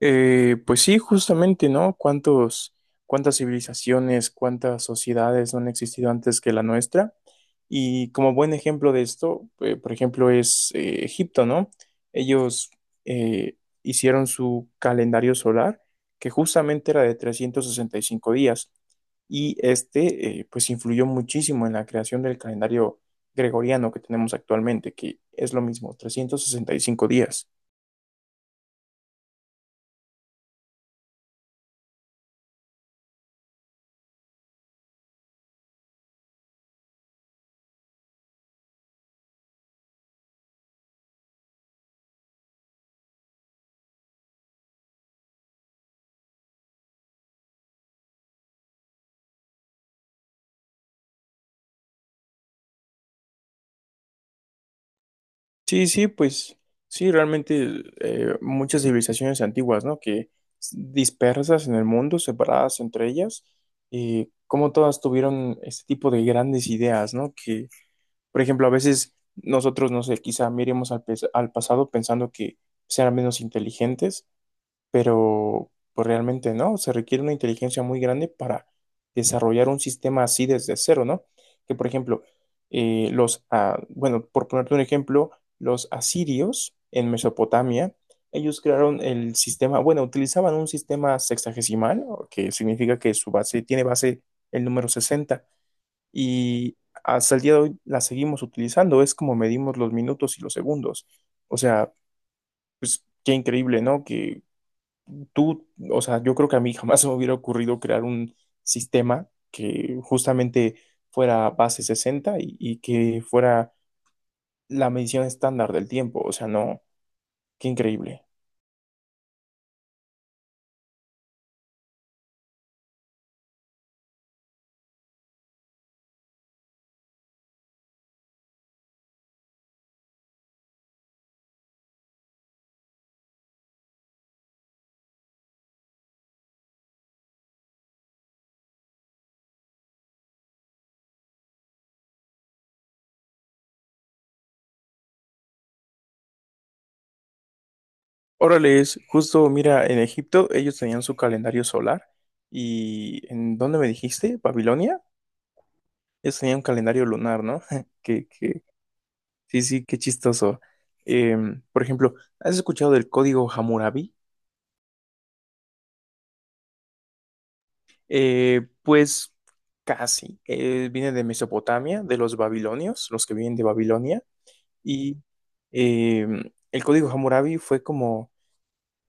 Pues sí, justamente, ¿no? ¿Cuántas civilizaciones, cuántas sociedades no han existido antes que la nuestra? Y como buen ejemplo de esto, por ejemplo, es Egipto, ¿no? Ellos eh, hicieron su calendario solar, que justamente era de 365 días, y pues, influyó muchísimo en la creación del calendario gregoriano que tenemos actualmente, que es lo mismo, 365 días. Sí, sí, pues sí, realmente muchas civilizaciones antiguas, ¿no? Dispersas en el mundo, separadas entre ellas, y como todas tuvieron este tipo de grandes ideas, ¿no? Que, por ejemplo, a veces nosotros, no sé, quizá miremos al pasado pensando que serán menos inteligentes, pero pues realmente no, se requiere una inteligencia muy grande para desarrollar un sistema así desde cero, ¿no? Que por ejemplo, bueno, por ponerte un ejemplo, los asirios en Mesopotamia, ellos crearon el sistema, bueno, utilizaban un sistema sexagesimal, o que significa que su base tiene base el número sesenta, y hasta el día de hoy la seguimos utilizando, es como medimos los minutos y los segundos. O sea, pues qué increíble, ¿no? O sea, yo creo que a mí jamás se me hubiera ocurrido crear un sistema que justamente fuera base 60 y que fuera la medición estándar del tiempo. O sea, no, qué increíble. Órale, es justo, mira, en Egipto ellos tenían su calendario solar y ¿en dónde me dijiste? ¿Babilonia? Ellos tenían un calendario lunar, ¿no? Que, que, sí, sí, qué chistoso. Por ejemplo, ¿has escuchado del código Hammurabi? Pues casi. Viene de Mesopotamia, de los babilonios, los que vienen de Babilonia. Y eh, el código Hammurabi fue como,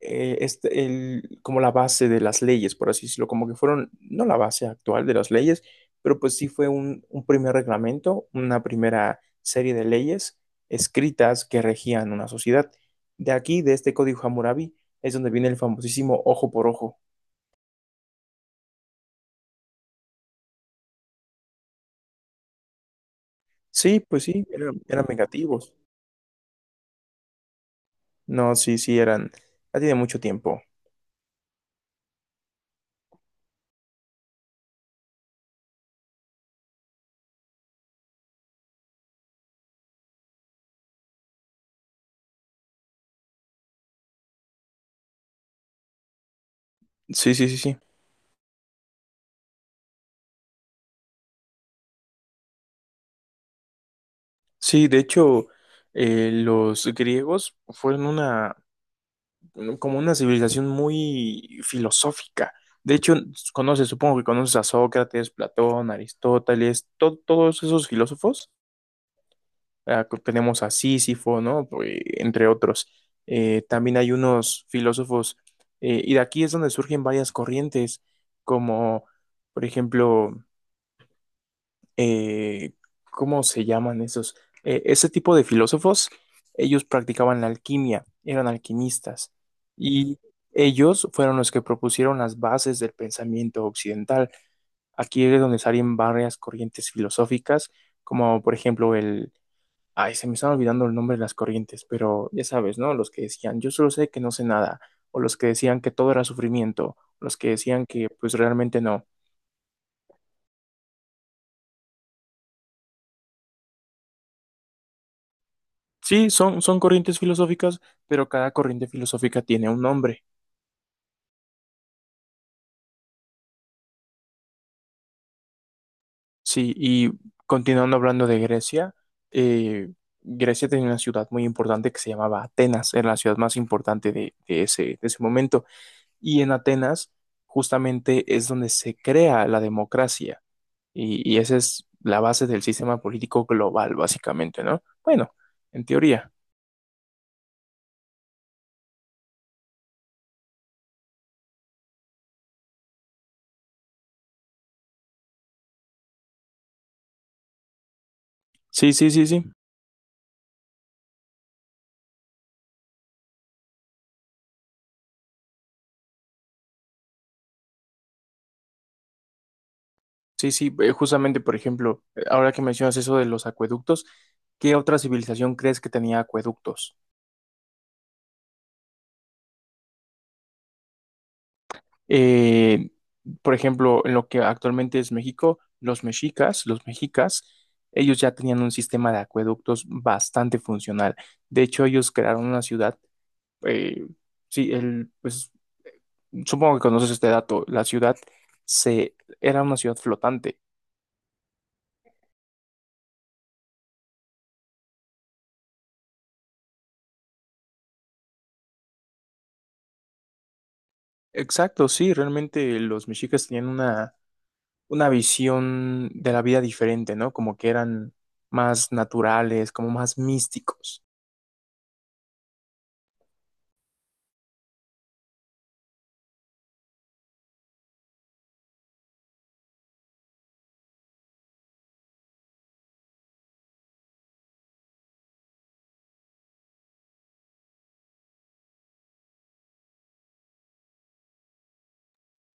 como la base de las leyes, por así decirlo. Como que fueron, no la base actual de las leyes, pero pues sí fue un primer reglamento, una primera serie de leyes escritas que regían una sociedad. De aquí, de este código Hammurabi, es donde viene el famosísimo ojo por ojo. Sí, pues sí, eran vengativos. No, sí, sí, eran. Ya tiene mucho tiempo. Sí, sí, sí, sí. Sí, de hecho, los griegos fueron como una civilización muy filosófica. De hecho, supongo que conoces a Sócrates, Platón, Aristóteles, todos esos filósofos. Ah, que tenemos a Sísifo, ¿no? Pues, entre otros. También hay unos filósofos, y de aquí es donde surgen varias corrientes, como, por ejemplo, eh, ¿cómo se llaman esos? Ese tipo de filósofos, ellos practicaban la alquimia, eran alquimistas, y ellos fueron los que propusieron las bases del pensamiento occidental. Aquí es donde salen varias corrientes filosóficas, como por ejemplo el... Ay, se me están olvidando el nombre de las corrientes, pero ya sabes, ¿no? Los que decían, yo solo sé que no sé nada, o los que decían que todo era sufrimiento, los que decían que pues realmente no. Sí, son corrientes filosóficas, pero cada corriente filosófica tiene un nombre. Sí, y continuando hablando de Grecia, eh, Grecia tenía una ciudad muy importante que se llamaba Atenas, era la ciudad más importante de ese momento. Y en Atenas justamente es donde se crea la democracia y esa es la base del sistema político global, básicamente, ¿no? Bueno, en teoría. Sí, sí, sí, sí. Sí, sí, justamente, por ejemplo, ahora que mencionas eso de los acueductos, ¿qué otra civilización crees que tenía acueductos? Eh, por ejemplo, en lo que actualmente es México, los mexicas, ellos ya tenían un sistema de acueductos bastante funcional. De hecho, ellos crearon una ciudad, eh, pues supongo que conoces este dato, era una ciudad flotante. Exacto, sí, realmente los mexicas tenían una visión de la vida diferente, ¿no? Como que eran más naturales, como más místicos.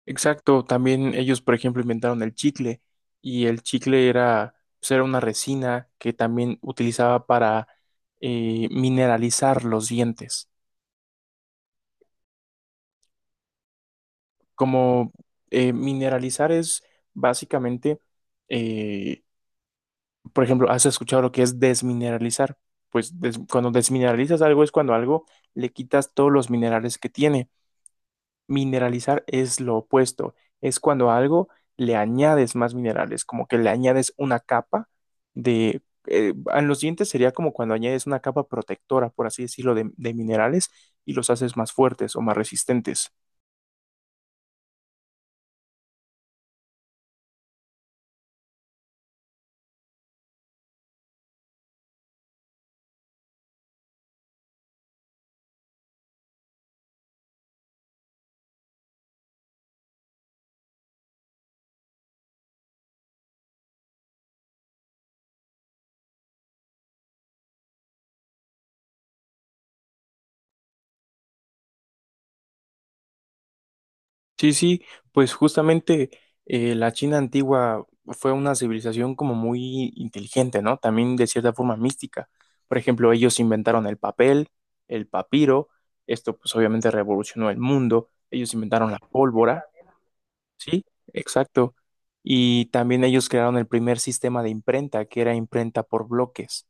Exacto, también ellos, por ejemplo, inventaron el chicle y el chicle era, pues, era una resina que también utilizaba para mineralizar los dientes. Como mineralizar es básicamente, eh, por ejemplo, ¿has escuchado lo que es desmineralizar? Cuando desmineralizas algo es cuando algo le quitas todos los minerales que tiene. Mineralizar es lo opuesto, es cuando a algo le añades más minerales, como que le añades una capa de... En los dientes sería como cuando añades una capa protectora, por así decirlo, de minerales y los haces más fuertes o más resistentes. Sí, sí, pues justamente la China antigua fue una civilización como muy inteligente, ¿no? También de cierta forma mística. Por ejemplo, ellos inventaron el papel, el papiro, esto pues obviamente revolucionó el mundo, ellos inventaron la pólvora, sí, exacto. Y también ellos crearon el primer sistema de imprenta, que era imprenta por bloques.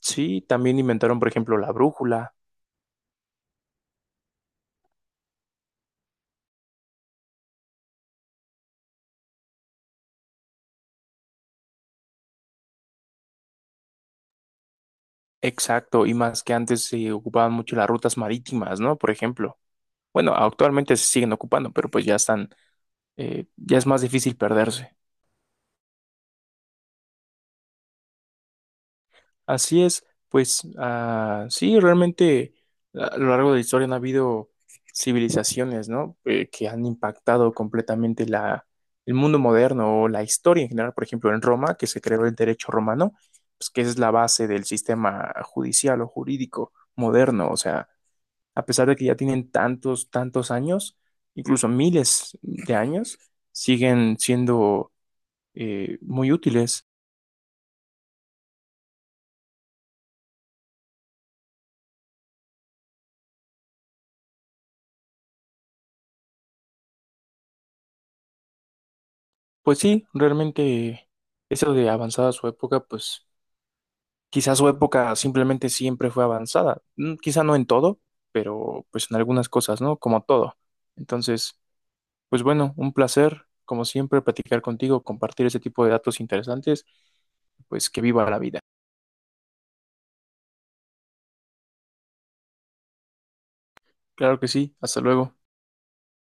Sí, también inventaron, por ejemplo, la brújula, exacto, y más que antes se ocupaban mucho las rutas marítimas, ¿no? Por ejemplo. Bueno, actualmente se siguen ocupando, pero pues ya están, ya es más difícil perderse. Así es, pues ah, sí, realmente a lo largo de la historia han habido civilizaciones, ¿no? Que han impactado completamente el mundo moderno o la historia en general. Por ejemplo, en Roma, que se creó el derecho romano, pues que es la base del sistema judicial o jurídico moderno. O sea, a pesar de que ya tienen tantos años, incluso miles de años, siguen siendo muy útiles. Pues sí, realmente eso de avanzada su época, pues quizás su época simplemente siempre fue avanzada. Mm, quizá no en todo, pero pues en algunas cosas, ¿no? Como todo. Entonces, pues bueno, un placer, como siempre, platicar contigo, compartir ese tipo de datos interesantes, pues que viva la vida. Claro que sí, hasta luego.